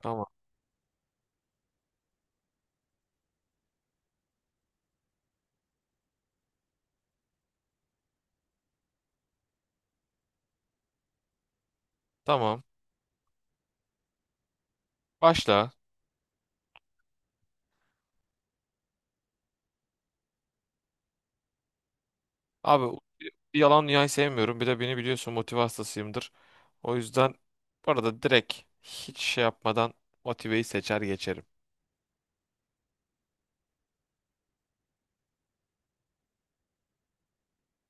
Tamam. Tamam. Başla. Abi bir yalan dünyayı sevmiyorum. Bir de beni biliyorsun motive hastasıyımdır. O yüzden bu arada direkt hiç şey yapmadan motiveyi seçer geçerim.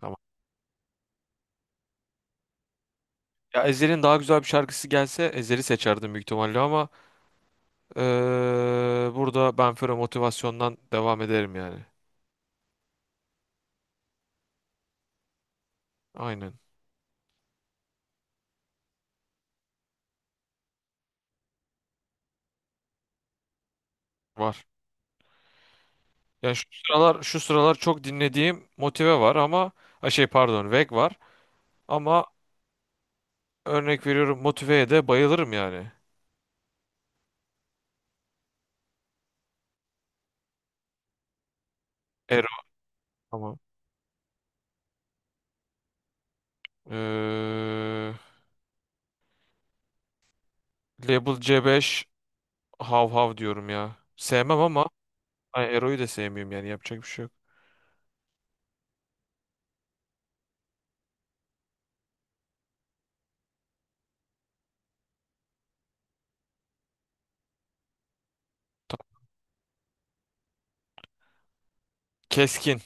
Tamam. Ya Ezhel'in daha güzel bir şarkısı gelse Ezhel'i seçerdim büyük ihtimalle ama eee, burada ben Fero motivasyondan devam ederim yani. Aynen. Var. Yani şu sıralar çok dinlediğim motive var ama ha şey pardon Veg var ama örnek veriyorum motiveye de bayılırım yani. Ero. Tamam. Ee, Label C5 hav hav diyorum ya. Sevmem ama ay, Ero'yu da sevmiyorum yani yapacak bir şey yok. Keskin.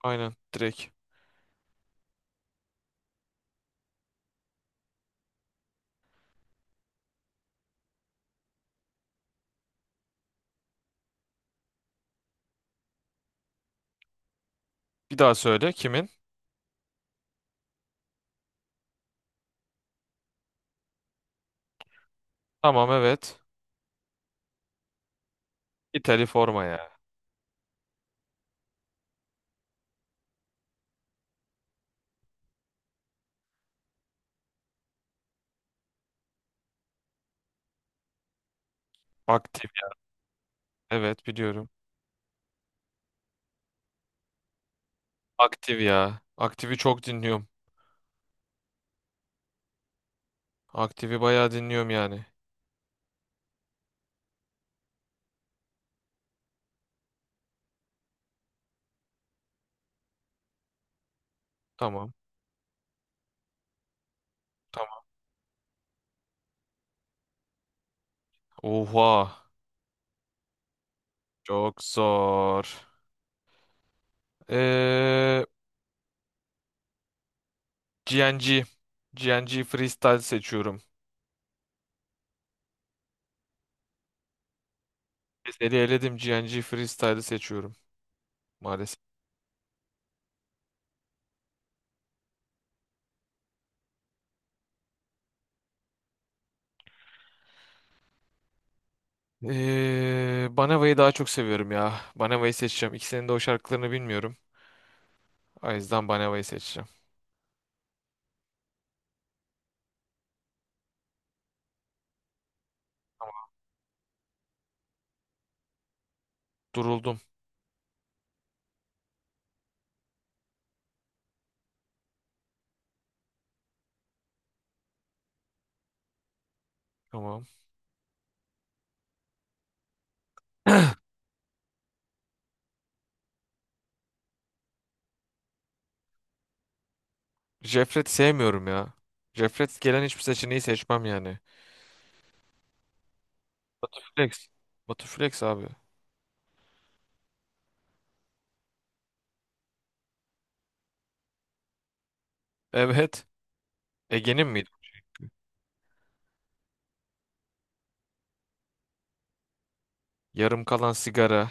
Aynen direkt. Bir daha söyle kimin? Tamam, evet. İtali forma ya. Aktif. Evet, biliyorum. Aktif ya. Aktifi çok dinliyorum. Aktifi bayağı dinliyorum yani. Tamam. Tamam. Oha. Çok zor. Ee, GNG. GNG Freestyle seçiyorum. Seni eledim. GNG Freestyle seçiyorum. Maalesef. Banava'yı daha çok seviyorum ya. Banava'yı seçeceğim. İkisinin de o şarkılarını bilmiyorum. O yüzden Banava'yı seçeceğim. Duruldum. Tamam. Jefret sevmiyorum ya. Jefret gelen hiçbir seçeneği seçmem yani. Flex. Batu Flex abi. Evet. Ege'nin miydi? Yarım kalan sigara.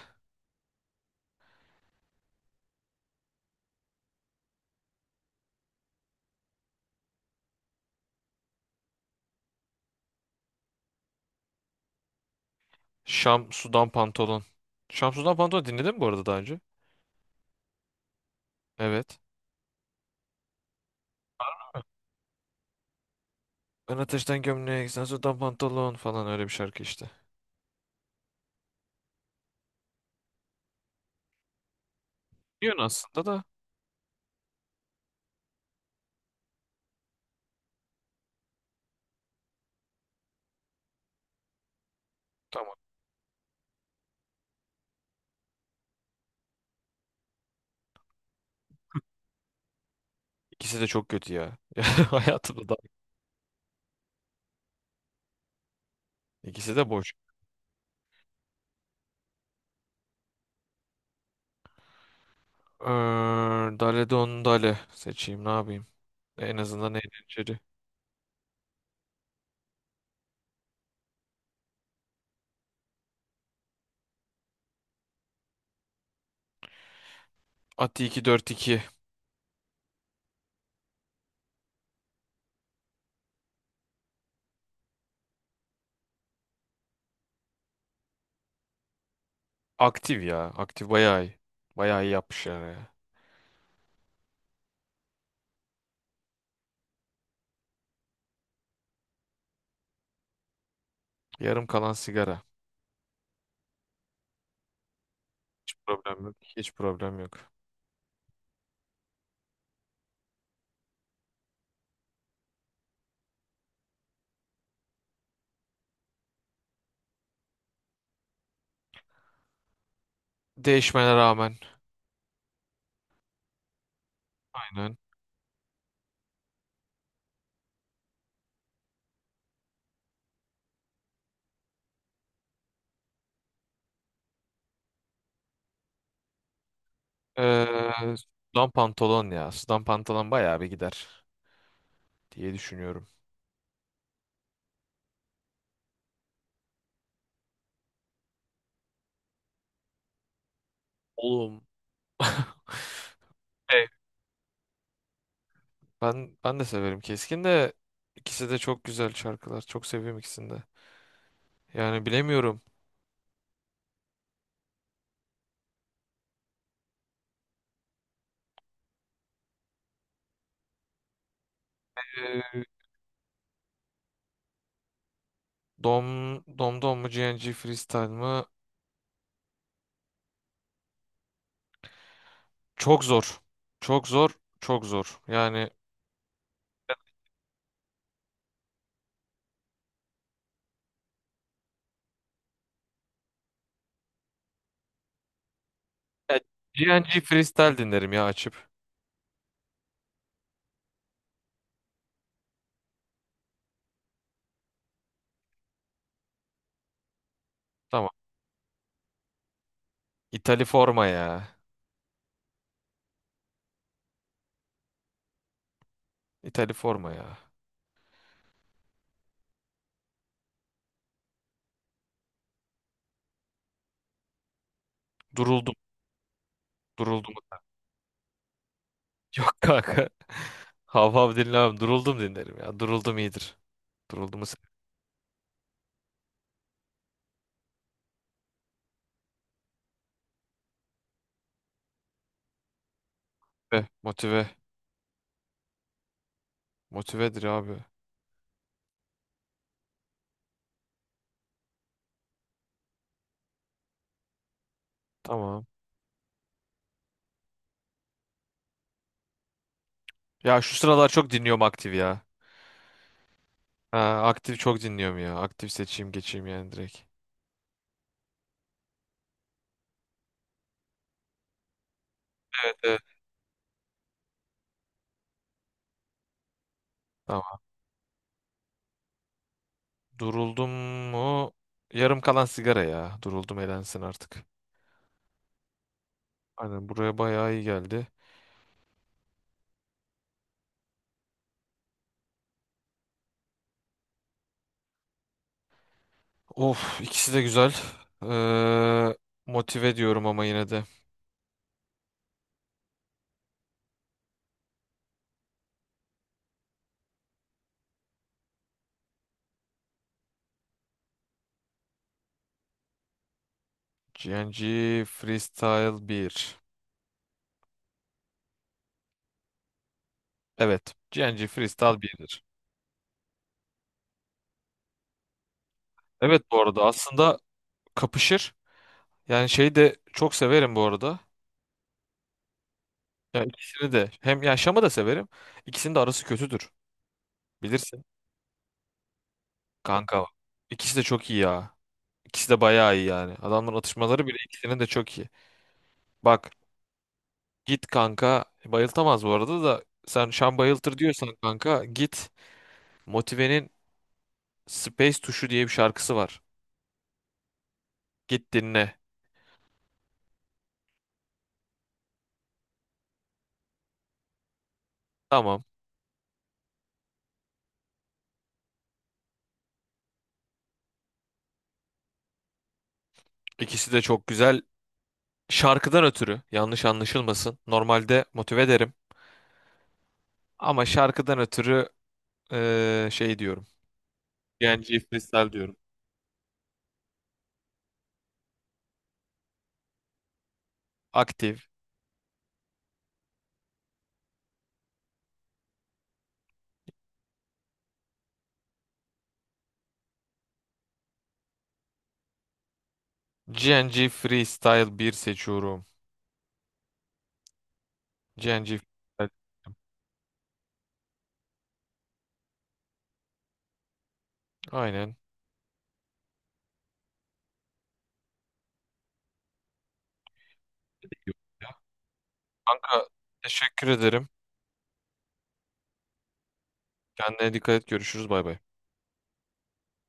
Şam sudan pantolon. Şam sudan pantolon dinledin mi bu arada daha önce? Evet. Ben ateşten gömlek, sen sudan pantolon falan öyle bir şarkı işte. Biliyorsun aslında da. Tamam. İkisi de çok kötü ya. Hayatımda. İkisi de boş. Ee, Dale Don Dale seçeyim ne yapayım. En azından eğlenceli. Ati 242. Aktif ya. Aktif bayağı iyi. Bayağı iyi yapmışlar ya. Yarım kalan sigara. Hiç problem yok. Hiç problem yok. Değişmene rağmen. Aynen. Ee, sudan pantolon ya. Sudan pantolon bayağı bir gider diye düşünüyorum. Oğlum. Hey. Ben de severim keskin de. İkisi de çok güzel şarkılar. Çok seviyorum ikisini de. Yani bilemiyorum. Ee, Dom, Domdom mu GNG Freestyle mı? Çok zor. Çok zor. Yani ya, GNG Freestyle dinlerim ya açıp. Tamam. İtali forma ya. İtali forma ya. Duruldum. Duruldum. Yok kanka. Hav hav dinlemem. Duruldum dinlerim ya. Duruldum iyidir. Duruldumu sebebi. Motive. Motivedir abi. Tamam. Ya şu sıralar çok dinliyorum aktif ya. Ha, aktif çok dinliyorum ya. Aktif seçeyim geçeyim yani direkt. Evet. Tamam. Duruldum mu? Yarım kalan sigara ya. Duruldum elensin artık. Aynen buraya bayağı iyi geldi. Of, ikisi de güzel. Ee, motive diyorum ama yine de. GNG Freestyle bir. Evet. GNG Freestyle birdir. Evet, bu arada aslında kapışır. Yani şeyi de çok severim bu arada. Ya ikisini de. Hem ya Şam'ı da severim. İkisinin de arası kötüdür. Bilirsin. Kanka. İkisi de çok iyi ya. İkisi de bayağı iyi yani. Adamların atışmaları bile ikisinin de çok iyi. Bak git kanka. Bayıltamaz bu arada da sen Şan bayıltır diyorsan kanka git. Motive'nin Space Tuşu diye bir şarkısı var. Git dinle. Tamam. İkisi de çok güzel. Şarkıdan ötürü yanlış anlaşılmasın. Normalde motive derim. Ama şarkıdan ötürü şey diyorum. GNG Freestyle diyorum. Aktif. GNG Freestyle bir seçiyorum. GNG Freestyle. Aynen. Kanka, teşekkür ederim. Kendine dikkat et. Görüşürüz. Bay bay.